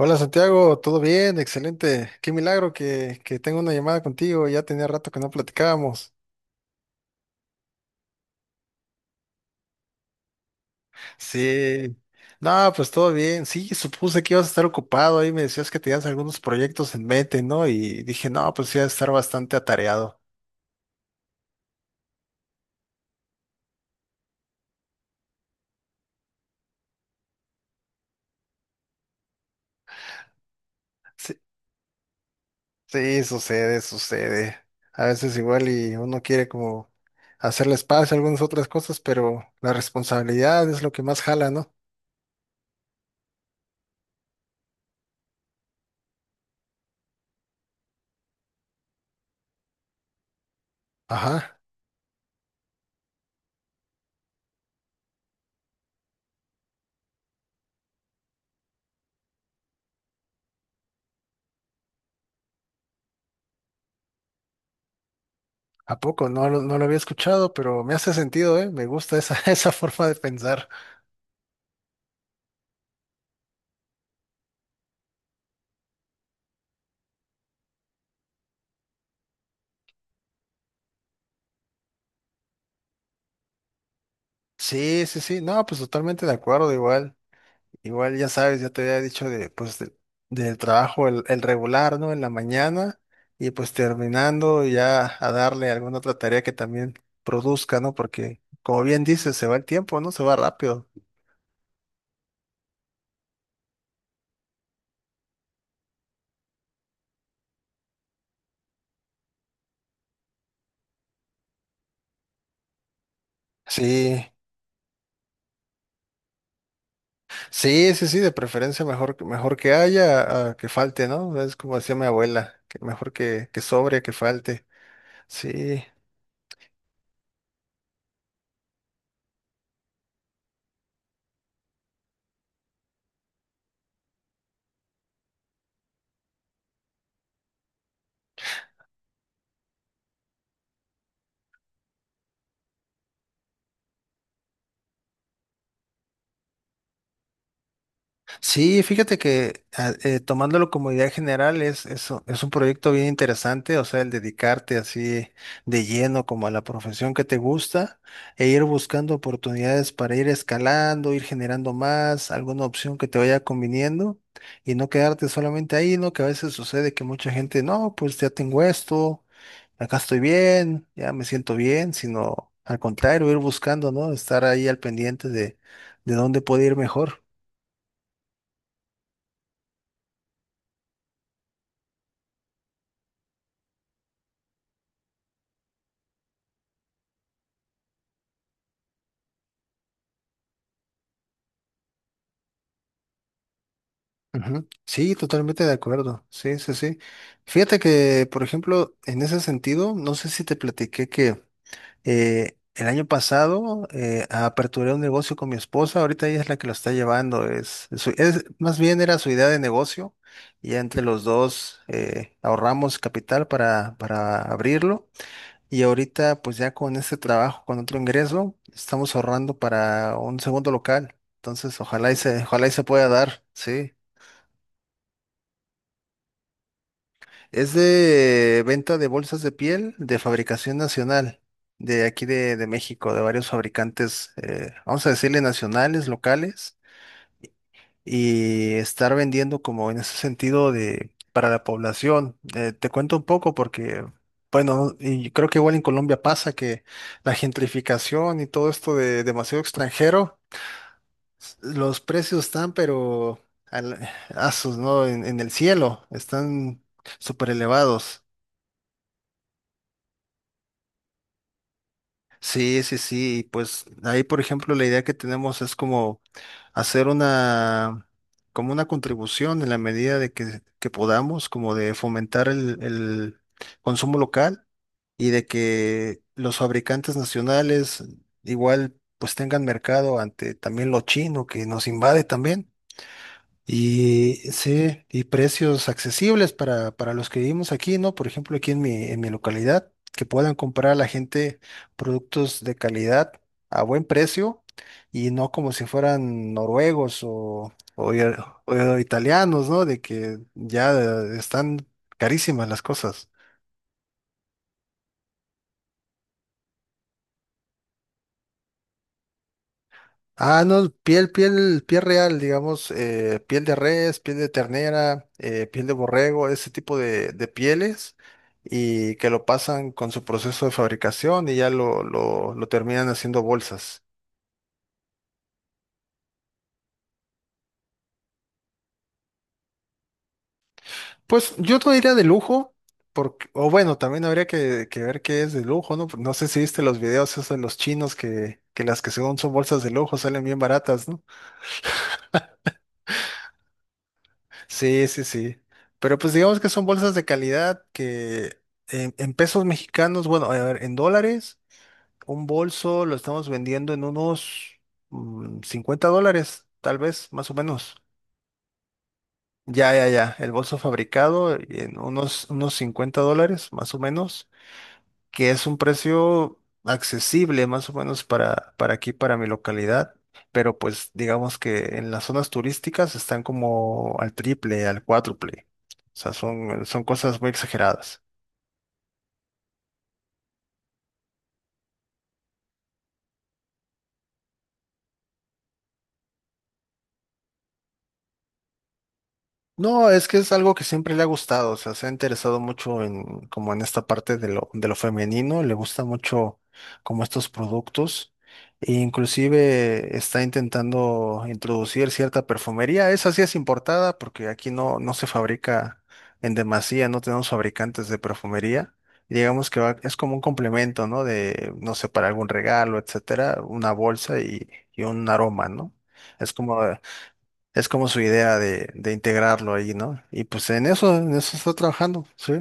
Hola Santiago, ¿todo bien? Excelente. Qué milagro que tengo una llamada contigo. Ya tenía rato que no platicábamos. Sí. No, pues todo bien. Sí, supuse que ibas a estar ocupado. Ahí me decías que tenías algunos proyectos en mente, ¿no? Y dije, no, pues sí, vas a estar bastante atareado. Sí, sí, sucede, sucede. A veces igual y uno quiere como hacerle espacio a algunas otras cosas, pero la responsabilidad es lo que más jala, ¿no? Ajá. ¿A poco? No, no lo había escuchado, pero me hace sentido, ¿eh? Me gusta esa, esa forma de pensar. Sí, sí, sí. No, pues totalmente de acuerdo, igual. Igual, ya sabes, ya te había dicho de, pues, del trabajo, el regular, ¿no? En la mañana y pues terminando ya a darle alguna otra tarea que también produzca, ¿no? Porque, como bien dices, se va el tiempo, ¿no? Se va rápido. Sí, sí, sí, sí, de preferencia mejor, mejor que haya a que falte, ¿no? Es como decía mi abuela, que mejor que sobre, que falte. Sí, sí, fíjate que tomándolo como idea general es un proyecto bien interesante, o sea, el dedicarte así de lleno como a la profesión que te gusta e ir buscando oportunidades para ir escalando, ir generando más, alguna opción que te vaya conviniendo y no quedarte solamente ahí, ¿no? Que a veces sucede que mucha gente, no, pues ya tengo esto, acá estoy bien, ya me siento bien, sino al contrario, ir buscando, ¿no? Estar ahí al pendiente de dónde puede ir mejor. Ujú. Sí, totalmente de acuerdo. Sí, sí, sí. Fíjate que, por ejemplo, en ese sentido, no sé si te platiqué que el año pasado aperturé un negocio con mi esposa. Ahorita ella es la que lo está llevando. Más bien era su idea de negocio. Y ya entre los dos ahorramos capital para abrirlo. Y ahorita, pues ya con este trabajo, con otro ingreso, estamos ahorrando para un segundo local. Entonces, ojalá y se pueda dar. Sí. Es de venta de bolsas de piel de fabricación nacional, de aquí de México, de varios fabricantes, vamos a decirle nacionales, locales, y estar vendiendo como en ese sentido de para la población. Te cuento un poco porque, bueno, y yo creo que igual en Colombia pasa que la gentrificación y todo esto de demasiado extranjero, los precios están, pero al, asos, ¿no? En el cielo, están súper elevados. Sí, sí, sí. Pues ahí, por ejemplo, la idea que tenemos es como hacer una, como una contribución en la medida de que podamos, como de fomentar el consumo local y de que los fabricantes nacionales igual pues tengan mercado ante también lo chino que nos invade también. Y sí, y precios accesibles para los que vivimos aquí, ¿no? Por ejemplo, aquí en mi, localidad, que puedan comprar a la gente productos de calidad a buen precio y no como si fueran noruegos o italianos, ¿no? De que ya están carísimas las cosas. Ah, no, piel real, digamos, piel de res, piel de ternera, piel de borrego, ese tipo de pieles, y que lo pasan con su proceso de fabricación y ya lo terminan haciendo bolsas. Pues yo no diría de lujo, porque, o bueno, también habría que ver qué es de lujo, ¿no? No sé si viste los videos esos de los chinos que las que según son bolsas de lujo salen bien baratas, ¿no? Sí, sí, sí. Pero pues digamos que son bolsas de calidad que en pesos mexicanos, bueno, a ver, en dólares, un bolso lo estamos vendiendo en unos $50, tal vez, más o menos. Ya, ya, ya. El bolso fabricado en unos $50, más o menos que es un precio accesible más o menos para aquí, para mi localidad, pero pues digamos que en las zonas turísticas están como al triple, al cuádruple. O sea, son cosas muy exageradas. No, es que es algo que siempre le ha gustado, o sea, se ha interesado mucho en, como en esta parte de lo femenino, le gusta mucho como estos productos, e inclusive está intentando introducir cierta perfumería, esa sí es importada porque aquí no se fabrica en demasía, no tenemos fabricantes de perfumería, digamos que es como un complemento, ¿no? De, no sé, para algún regalo, etcétera, una bolsa y un aroma, ¿no? Es como, es como su idea de integrarlo ahí, ¿no? Y pues en eso está trabajando, sí.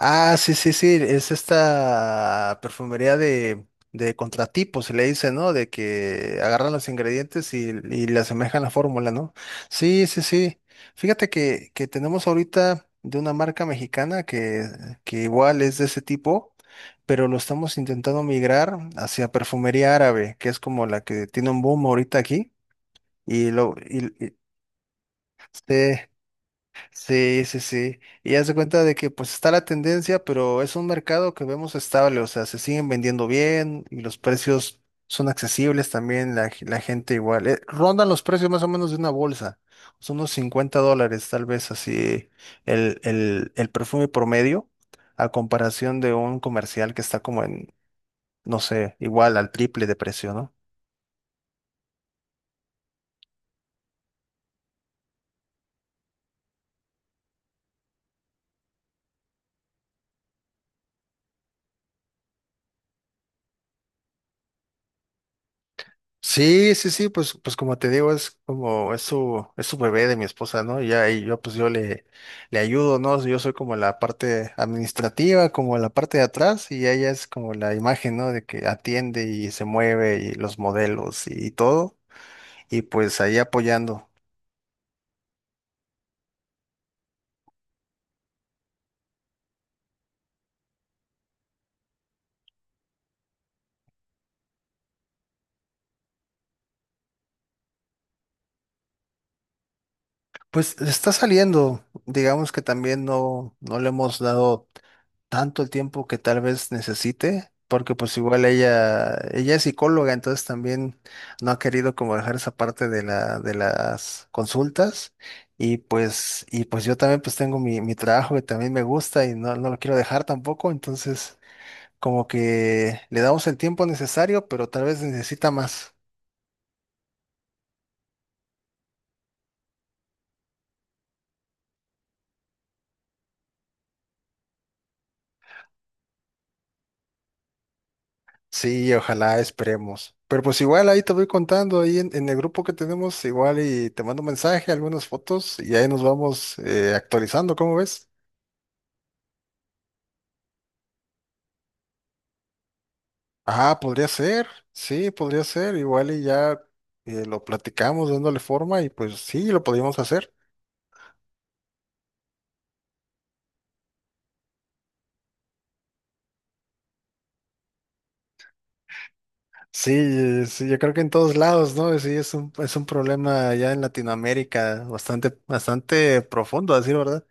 Ah, sí, sí, sí, es esta perfumería de contratipo, se le dice, ¿no? De que agarran los ingredientes y le asemejan la fórmula, ¿no? Sí, sí, sí. Fíjate que tenemos ahorita de una marca mexicana que igual es de ese tipo, pero lo estamos intentando migrar hacia perfumería árabe, que es como la que tiene un boom ahorita aquí. Y lo, y, y- sí, Sí, sí, sí. Y haz de cuenta de que pues está la tendencia, pero es un mercado que vemos estable, o sea, se siguen vendiendo bien y los precios son accesibles también, la, la gente igual. Rondan los precios más o menos de una bolsa, son unos $50 tal vez así el perfume promedio a comparación de un comercial que está como en, no sé, igual al triple de precio, ¿no? Sí, sí, sí, pues como te digo, es como, es su bebé de mi esposa, ¿no? Y ahí yo, pues yo le ayudo, ¿no? Yo soy como la parte administrativa, como la parte de atrás, y ella es como la imagen, ¿no? De que atiende y se mueve y los modelos y todo, y pues ahí apoyando. Pues está saliendo, digamos que también no le hemos dado tanto el tiempo que tal vez necesite, porque pues igual ella es psicóloga, entonces también no ha querido como dejar esa parte de la, de las consultas. Y pues yo también pues tengo mi trabajo que también me gusta y no lo quiero dejar tampoco, entonces como que le damos el tiempo necesario, pero tal vez necesita más. Sí, ojalá, esperemos. Pero pues igual ahí te voy contando, ahí en el grupo que tenemos, igual y te mando un mensaje, algunas fotos y ahí nos vamos actualizando, ¿cómo ves? Ah, podría ser, sí, podría ser, igual y ya lo platicamos dándole forma y pues sí, lo podríamos hacer. Sí, sí, yo creo que en todos lados, ¿no? Sí, es un problema ya en Latinoamérica bastante, bastante profundo, a decir verdad.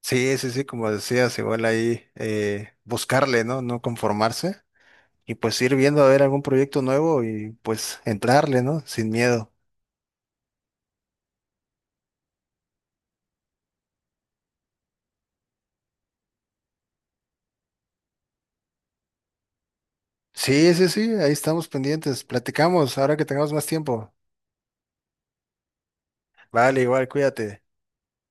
Sí, sí, sí, como decías, igual ahí buscarle, ¿no? No conformarse. Y pues ir viendo a ver algún proyecto nuevo y pues entrarle, ¿no? Sin miedo. Sí, sí, sí, ahí estamos pendientes. Platicamos ahora que tengamos más tiempo. Vale, igual, cuídate.